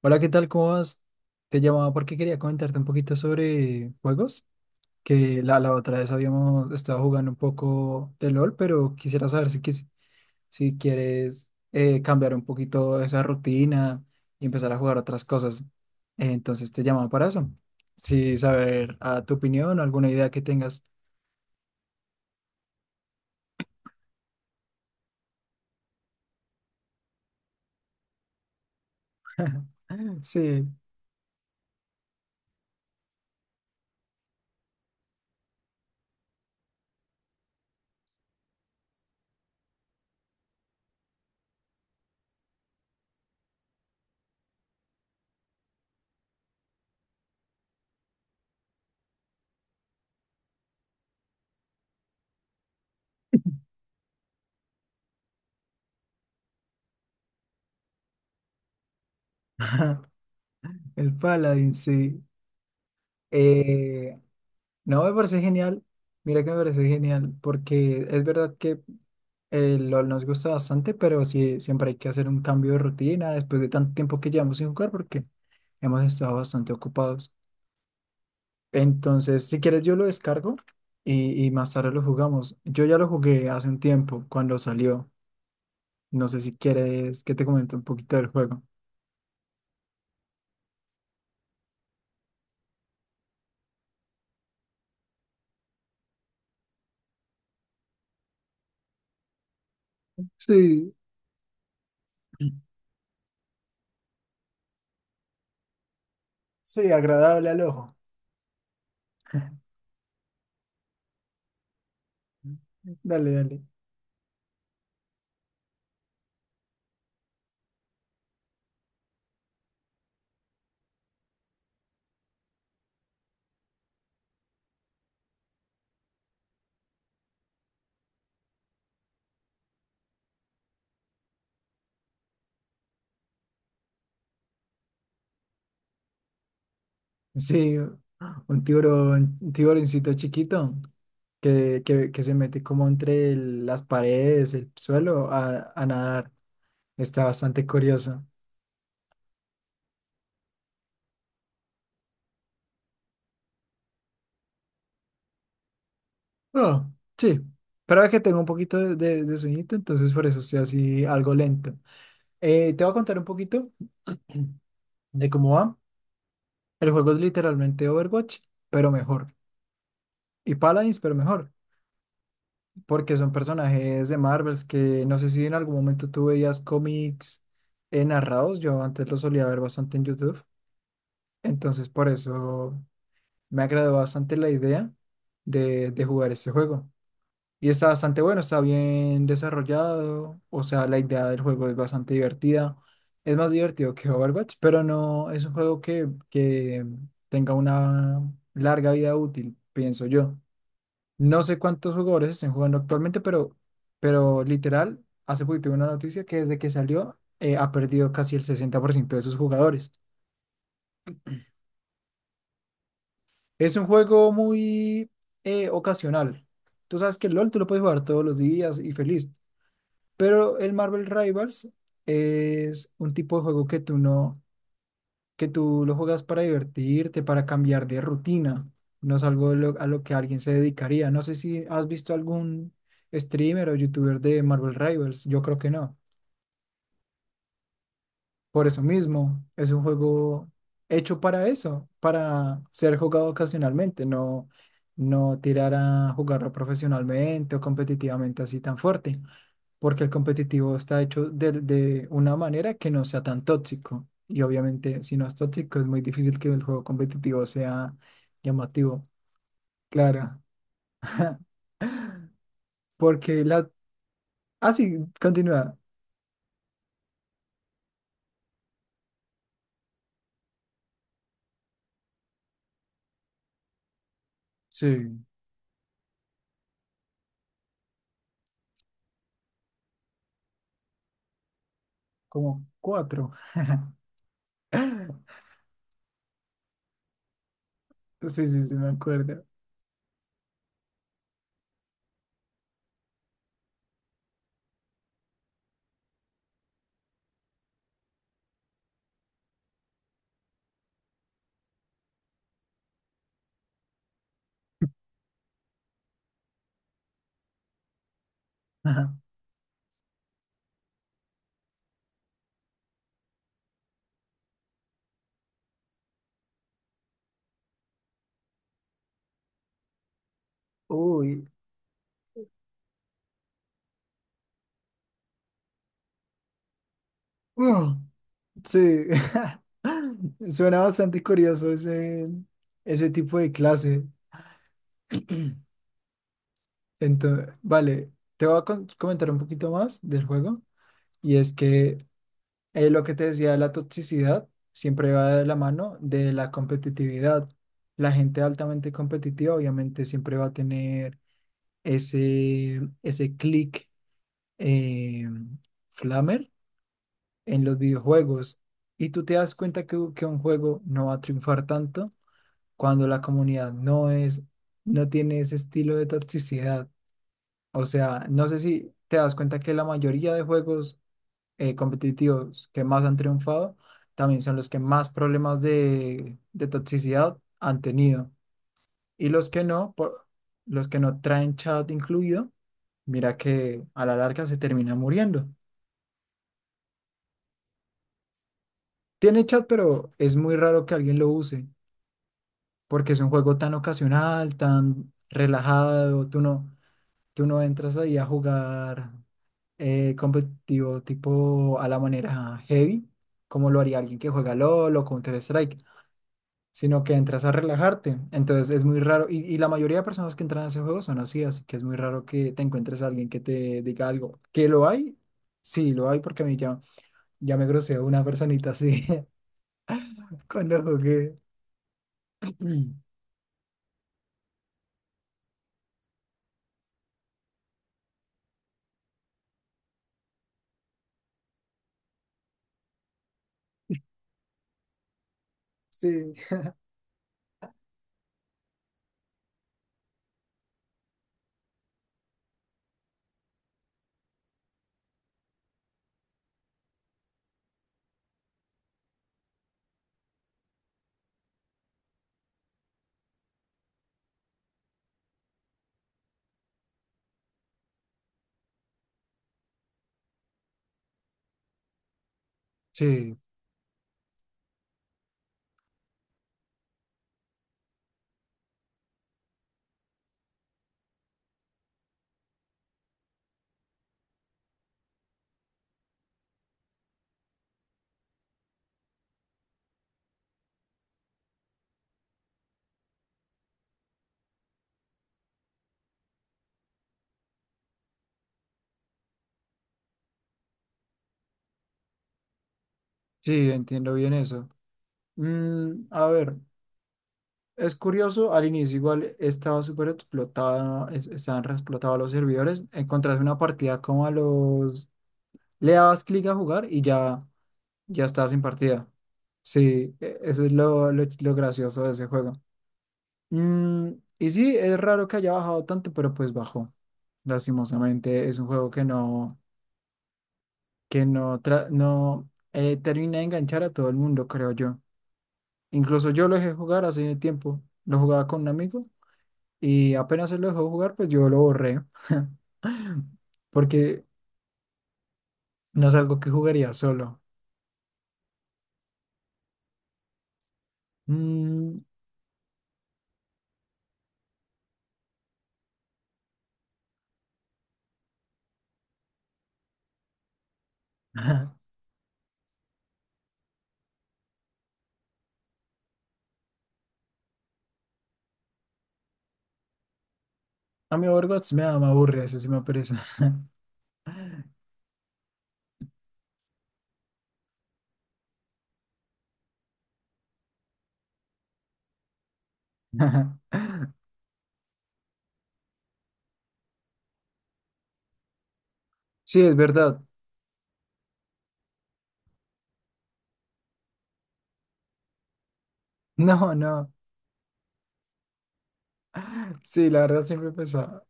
Hola, ¿qué tal? ¿Cómo vas? Te llamaba porque quería comentarte un poquito sobre juegos, que la otra vez habíamos estado jugando un poco de LOL, pero quisiera saber si quieres cambiar un poquito esa rutina y empezar a jugar otras cosas. Entonces te llamaba para eso. Sí, saber a tu opinión, alguna idea que tengas. Sí, el Paladin, sí. Eh, no, me parece genial. Mira que me parece genial, porque es verdad que el LOL nos gusta bastante, pero sí, siempre hay que hacer un cambio de rutina después de tanto tiempo que llevamos sin jugar porque hemos estado bastante ocupados. Entonces, si quieres, yo lo descargo y más tarde lo jugamos. Yo ya lo jugué hace un tiempo, cuando salió. No sé si quieres que te comente un poquito del juego. Sí, sí, agradable al ojo. Dale, dale. Sí, un tiburón, un tiburoncito chiquito que se mete como entre las paredes, el suelo, a nadar. Está bastante curioso. Oh, sí. Pero es que tengo un poquito de sueñito, entonces por eso estoy así algo lento. Te voy a contar un poquito de cómo va. El juego es literalmente Overwatch, pero mejor. Y Paladins, pero mejor. Porque son personajes de Marvels que no sé si en algún momento tú veías cómics narrados. Yo antes los solía ver bastante en YouTube. Entonces por eso me agradó bastante la idea de jugar este juego. Y está bastante bueno, está bien desarrollado, o sea, la idea del juego es bastante divertida. Es más divertido que Overwatch, pero no es un juego que tenga una larga vida útil, pienso yo. No sé cuántos jugadores estén jugando actualmente, pero literal, hace poquito vi una noticia que desde que salió ha perdido casi el 60% de sus jugadores. Es un juego muy ocasional. Tú sabes que el LOL tú lo puedes jugar todos los días y feliz, pero el Marvel Rivals es un tipo de juego que tú no, que tú lo juegas para divertirte, para cambiar de rutina. No es algo a lo que alguien se dedicaría. No sé si has visto algún streamer o youtuber de Marvel Rivals. Yo creo que no. Por eso mismo, es un juego hecho para eso, para ser jugado ocasionalmente, no, no tirar a jugarlo profesionalmente o competitivamente así tan fuerte, porque el competitivo está hecho de una manera que no sea tan tóxico. Y obviamente, si no es tóxico, es muy difícil que el juego competitivo sea llamativo. Claro, porque la... Ah, sí, continúa. Sí, como cuatro. Sí, sí, sí, me acuerdo. Ajá. Uy, mm, sí, suena bastante curioso ese tipo de clase. Entonces, vale, te voy a comentar un poquito más del juego. Y es que lo que te decía de la toxicidad siempre va de la mano de la competitividad. La gente altamente competitiva obviamente siempre va a tener ese click eh, flamer en los videojuegos. Y tú te das cuenta que un juego no va a triunfar tanto cuando la comunidad no es, no tiene ese estilo de toxicidad. O sea, no sé si te das cuenta que la mayoría de juegos competitivos que más han triunfado también son los que más problemas de toxicidad han tenido. Y los que no, los que no traen chat incluido, mira que a la larga se termina muriendo. Tiene chat, pero es muy raro que alguien lo use, porque es un juego tan ocasional, tan relajado, tú no. Tú no entras ahí a jugar competitivo tipo a la manera heavy, como lo haría alguien que juega LOL o Counter-Strike, sino que entras a relajarte. Entonces es muy raro, y la mayoría de personas que entran a ese juego son así, así que es muy raro que te encuentres a alguien que te diga algo. ¿Que lo hay? Sí, lo hay porque a mí ya me groseó una personita así cuando jugué. Sí. Sí, sí, entiendo bien eso. Mm, a ver. Es curioso, al inicio igual estaba súper explotada, estaban re explotados los servidores. Encontrás una partida como a los... Le dabas clic a jugar y ya, ya estabas en partida. Sí, eso es lo gracioso de ese juego. Mm, y sí, es raro que haya bajado tanto, pero pues bajó. Lastimosamente es un juego que no, que no termina de enganchar a todo el mundo, creo yo. Incluso yo lo dejé jugar hace tiempo. Lo jugaba con un amigo. Y apenas él lo dejó jugar, pues yo lo borré, porque no es algo que jugaría solo. Mm. A mí Overwatch me da, me aburre, eso sí me pereza. Sí, es verdad. No, no. Sí, la verdad siempre pesa,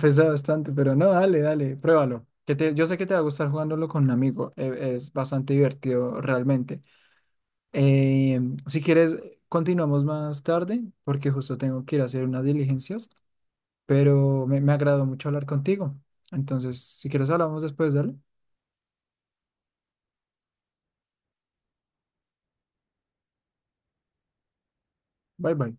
pesa bastante, pero no, dale, dale, pruébalo. Que te, yo sé que te va a gustar jugándolo con un amigo. Es, bastante divertido realmente. Eh, si quieres, continuamos más tarde, porque justo tengo que ir a hacer unas diligencias. Pero me agradó mucho hablar contigo. Entonces, si quieres hablamos después, dale. Bye bye.